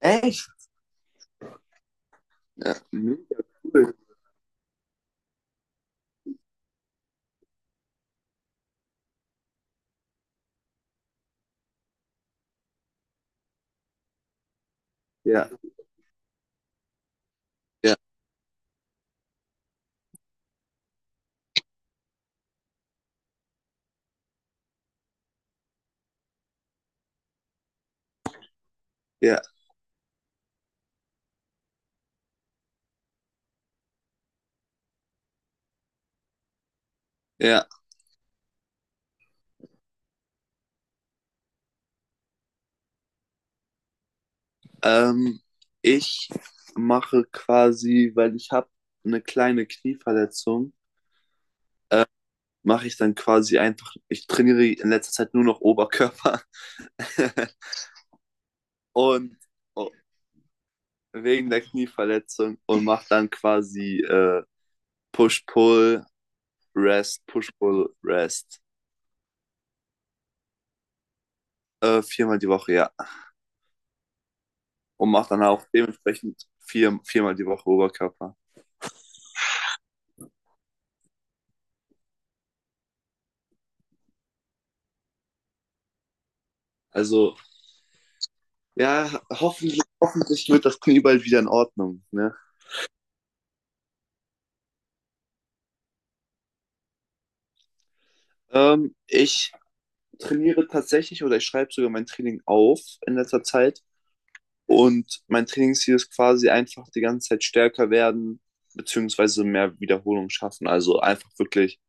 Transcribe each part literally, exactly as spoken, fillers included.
Echt? Ja, ja, ja, ja. Ähm, Ich mache quasi, weil ich habe eine kleine Knieverletzung, mache ich dann quasi einfach, ich trainiere in letzter Zeit nur noch Oberkörper und oh, wegen der Knieverletzung und mache dann quasi äh, Push-Pull, Rest, Push-Pull, Rest. Äh, viermal die Woche, ja. Und mache dann auch dementsprechend vier, viermal die Woche Oberkörper. Also, ja, hoffentlich, hoffentlich wird das Knie bald wieder in Ordnung. Ne? Ähm, ich trainiere tatsächlich oder ich schreibe sogar mein Training auf in letzter Zeit. Und mein Trainingsziel ist quasi einfach die ganze Zeit stärker werden, beziehungsweise mehr Wiederholung schaffen. Also einfach wirklich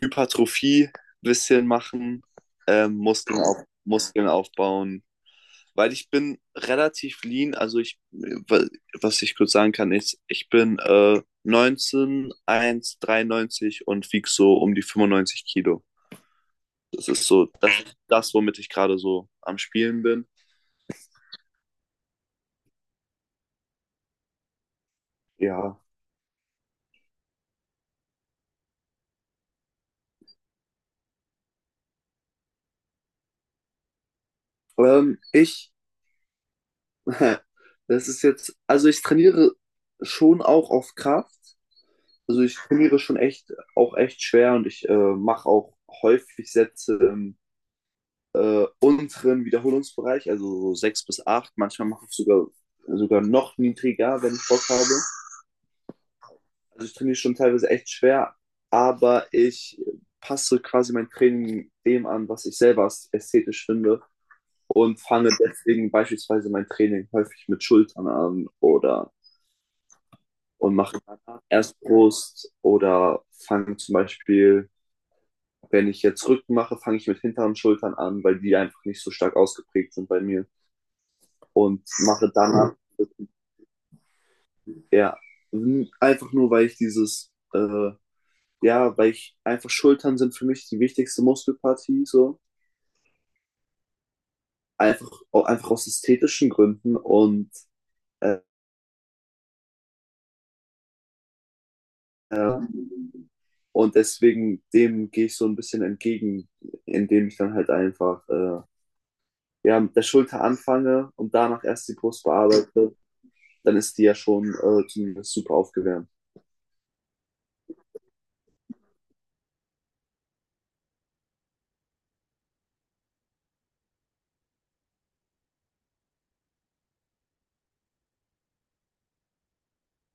Hypertrophie ein bisschen machen, ähm, Muskeln, auf, Muskeln aufbauen, weil ich bin relativ lean. Also ich, wa- was ich kurz sagen kann, ist, ich bin äh, neunzehn, eins, dreiundneunzig und wieg so um die fünfundneunzig Kilo. Das ist so, das ist das, womit ich gerade so am Spielen bin. Ja. Ähm, ich, das ist jetzt, also ich trainiere schon auch auf Kraft. Also ich trainiere schon echt, auch echt schwer und ich äh, mache auch häufig Sätze im äh, unteren Wiederholungsbereich, also so sechs bis acht. Manchmal mache ich sogar, sogar noch niedriger, wenn ich Bock habe. Also ich trainiere schon teilweise echt schwer, aber ich passe quasi mein Training dem an, was ich selber ästhetisch finde und fange deswegen beispielsweise mein Training häufig mit Schultern an, oder und mache erst Brust. Oder fange zum Beispiel, wenn ich jetzt Rücken mache, fange ich mit hinteren Schultern an, weil die einfach nicht so stark ausgeprägt sind bei mir, und mache danach, ja, einfach nur, weil ich dieses, äh, ja, weil ich einfach Schultern sind für mich die wichtigste Muskelpartie, so. Einfach, einfach aus ästhetischen Gründen und, äh, ähm, und deswegen dem gehe ich so ein bisschen entgegen, indem ich dann halt einfach, äh, ja, mit der Schulter anfange und danach erst die Brust bearbeite, dann ist die ja schon äh, zumindest super aufgewärmt.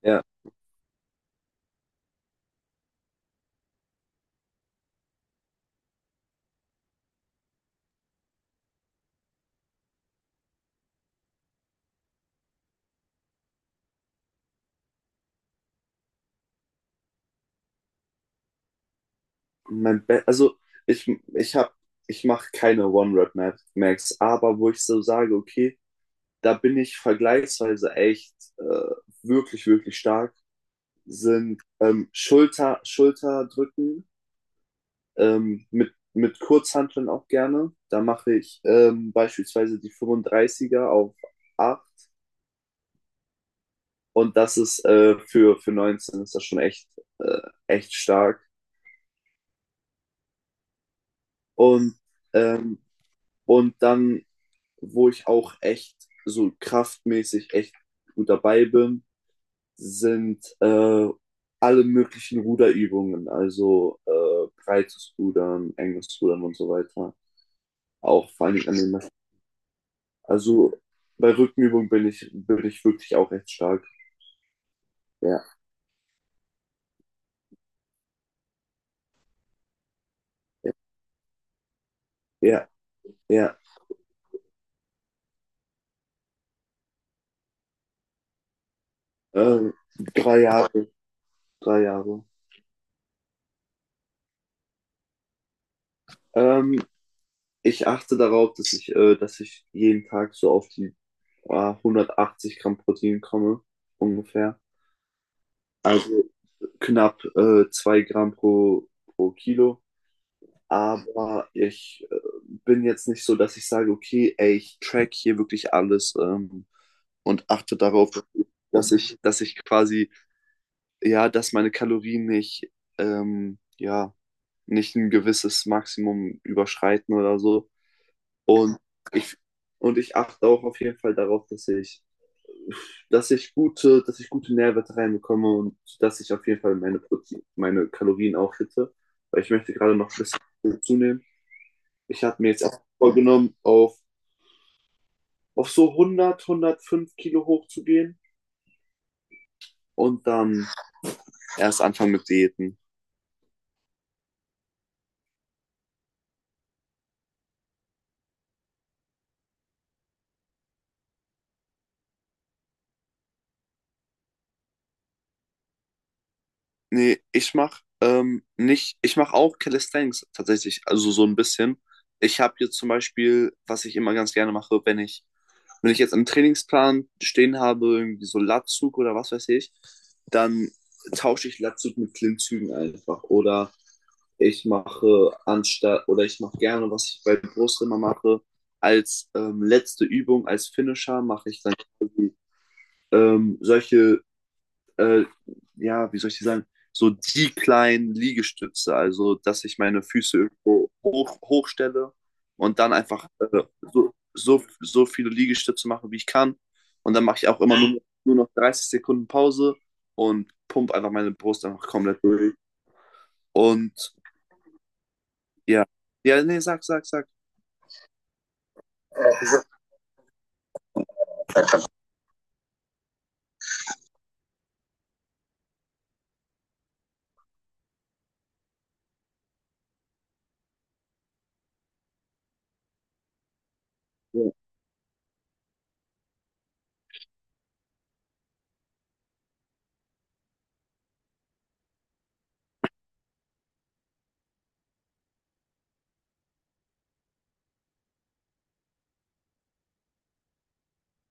Ja. Mein Be also ich, ich habe, ich mache keine One-Rep-Max, aber wo ich so sage, okay, da bin ich vergleichsweise echt äh, wirklich, wirklich stark, sind ähm, Schulter, Schulterdrücken ähm, mit, mit Kurzhanteln auch gerne. Da mache ich ähm, beispielsweise die fünfunddreißiger auf acht, und das ist äh, für, für neunzehn ist das schon echt, äh, echt stark. Und, ähm, und dann, wo ich auch echt so kraftmäßig echt gut dabei bin, sind äh, alle möglichen Ruderübungen, also äh, breites Rudern, enges Rudern und so weiter. Auch vor allen Dingen an den Maschinen. Also bei Rückenübungen bin ich, bin ich wirklich auch echt stark. Ja, ja, ja. Ja. Ähm, Drei Jahre, drei Jahre. Ähm, Ich achte darauf, dass ich, äh, dass ich jeden Tag so auf die äh, hundertachtzig Gramm Protein komme, ungefähr. Also knapp äh, zwei Gramm pro, pro Kilo. Aber ich äh, bin jetzt nicht so, dass ich sage, okay, ey, ich track hier wirklich alles, ähm, und achte darauf, dass ich, dass ich quasi, ja, dass meine Kalorien nicht, ähm, ja, nicht ein gewisses Maximum überschreiten oder so. Und ich, und ich achte auch auf jeden Fall darauf, dass ich dass ich gute, dass ich gute Nährwerte reinbekomme und dass ich auf jeden Fall meine, Protein, meine Kalorien auch hitte, weil ich möchte gerade noch ein bisschen zunehmen. Ich habe mir jetzt auch vorgenommen, auf, auf so hundert, hundertfünf Kilo hochzugehen und dann erst anfangen mit Diäten. Nee, ich mach ähm, nicht, ich mach auch Calisthenics tatsächlich, also so ein bisschen. Ich habe jetzt zum Beispiel, was ich immer ganz gerne mache, wenn ich, wenn ich jetzt im Trainingsplan stehen habe, irgendwie so Latzug oder was weiß ich, dann tausche ich Latzug mit Klimmzügen einfach. Oder ich mache anstatt, oder ich mache gerne, was ich bei Brust immer mache, als ähm, letzte Übung, als Finisher mache ich dann quasi, ähm, solche äh, ja, wie soll ich die sagen, so die kleinen Liegestütze, also dass ich meine Füße irgendwo hoch, hochstelle und dann einfach äh, so, so, so viele Liegestütze mache, wie ich kann. Und dann mache ich auch immer nur, nur noch dreißig Sekunden Pause und pump einfach meine Brust einfach komplett durch. Und ja, ja, nee, sag, sag, sag. Ja,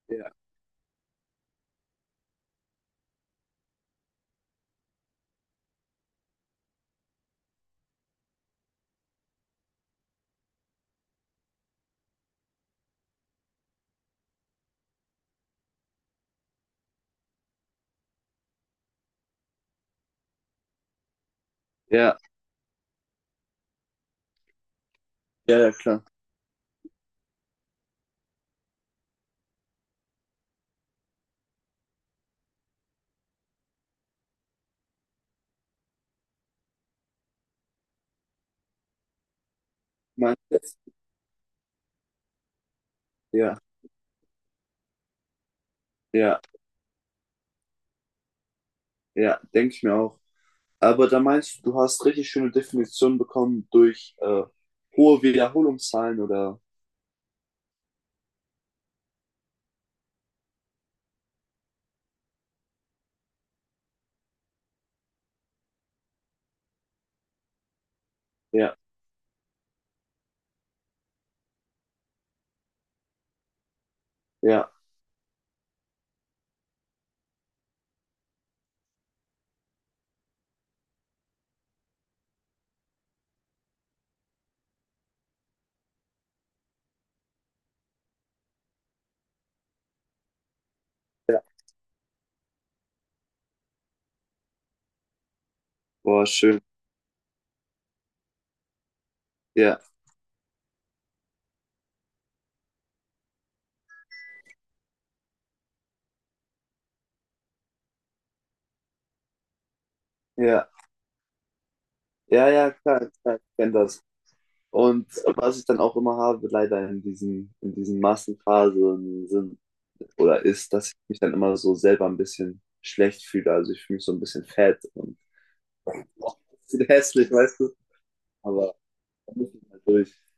ja, ja, ja, ja, klar. Meinst. Ja, ja, ja, denke ich mir auch. Aber da meinst du, du hast richtig schöne Definitionen bekommen durch äh, hohe Wiederholungszahlen oder? Ja, ja, ja. Boah, schön. Ja, ja, ja, ja, klar, klar, ich kenne das. Und was ich dann auch immer habe, leider in diesen, in diesen Massenphasen sind oder ist, dass ich mich dann immer so selber ein bisschen schlecht fühle. Also ich fühle mich so ein bisschen fett und boah, das ist hässlich, weißt du? Aber da muss ich mal durch.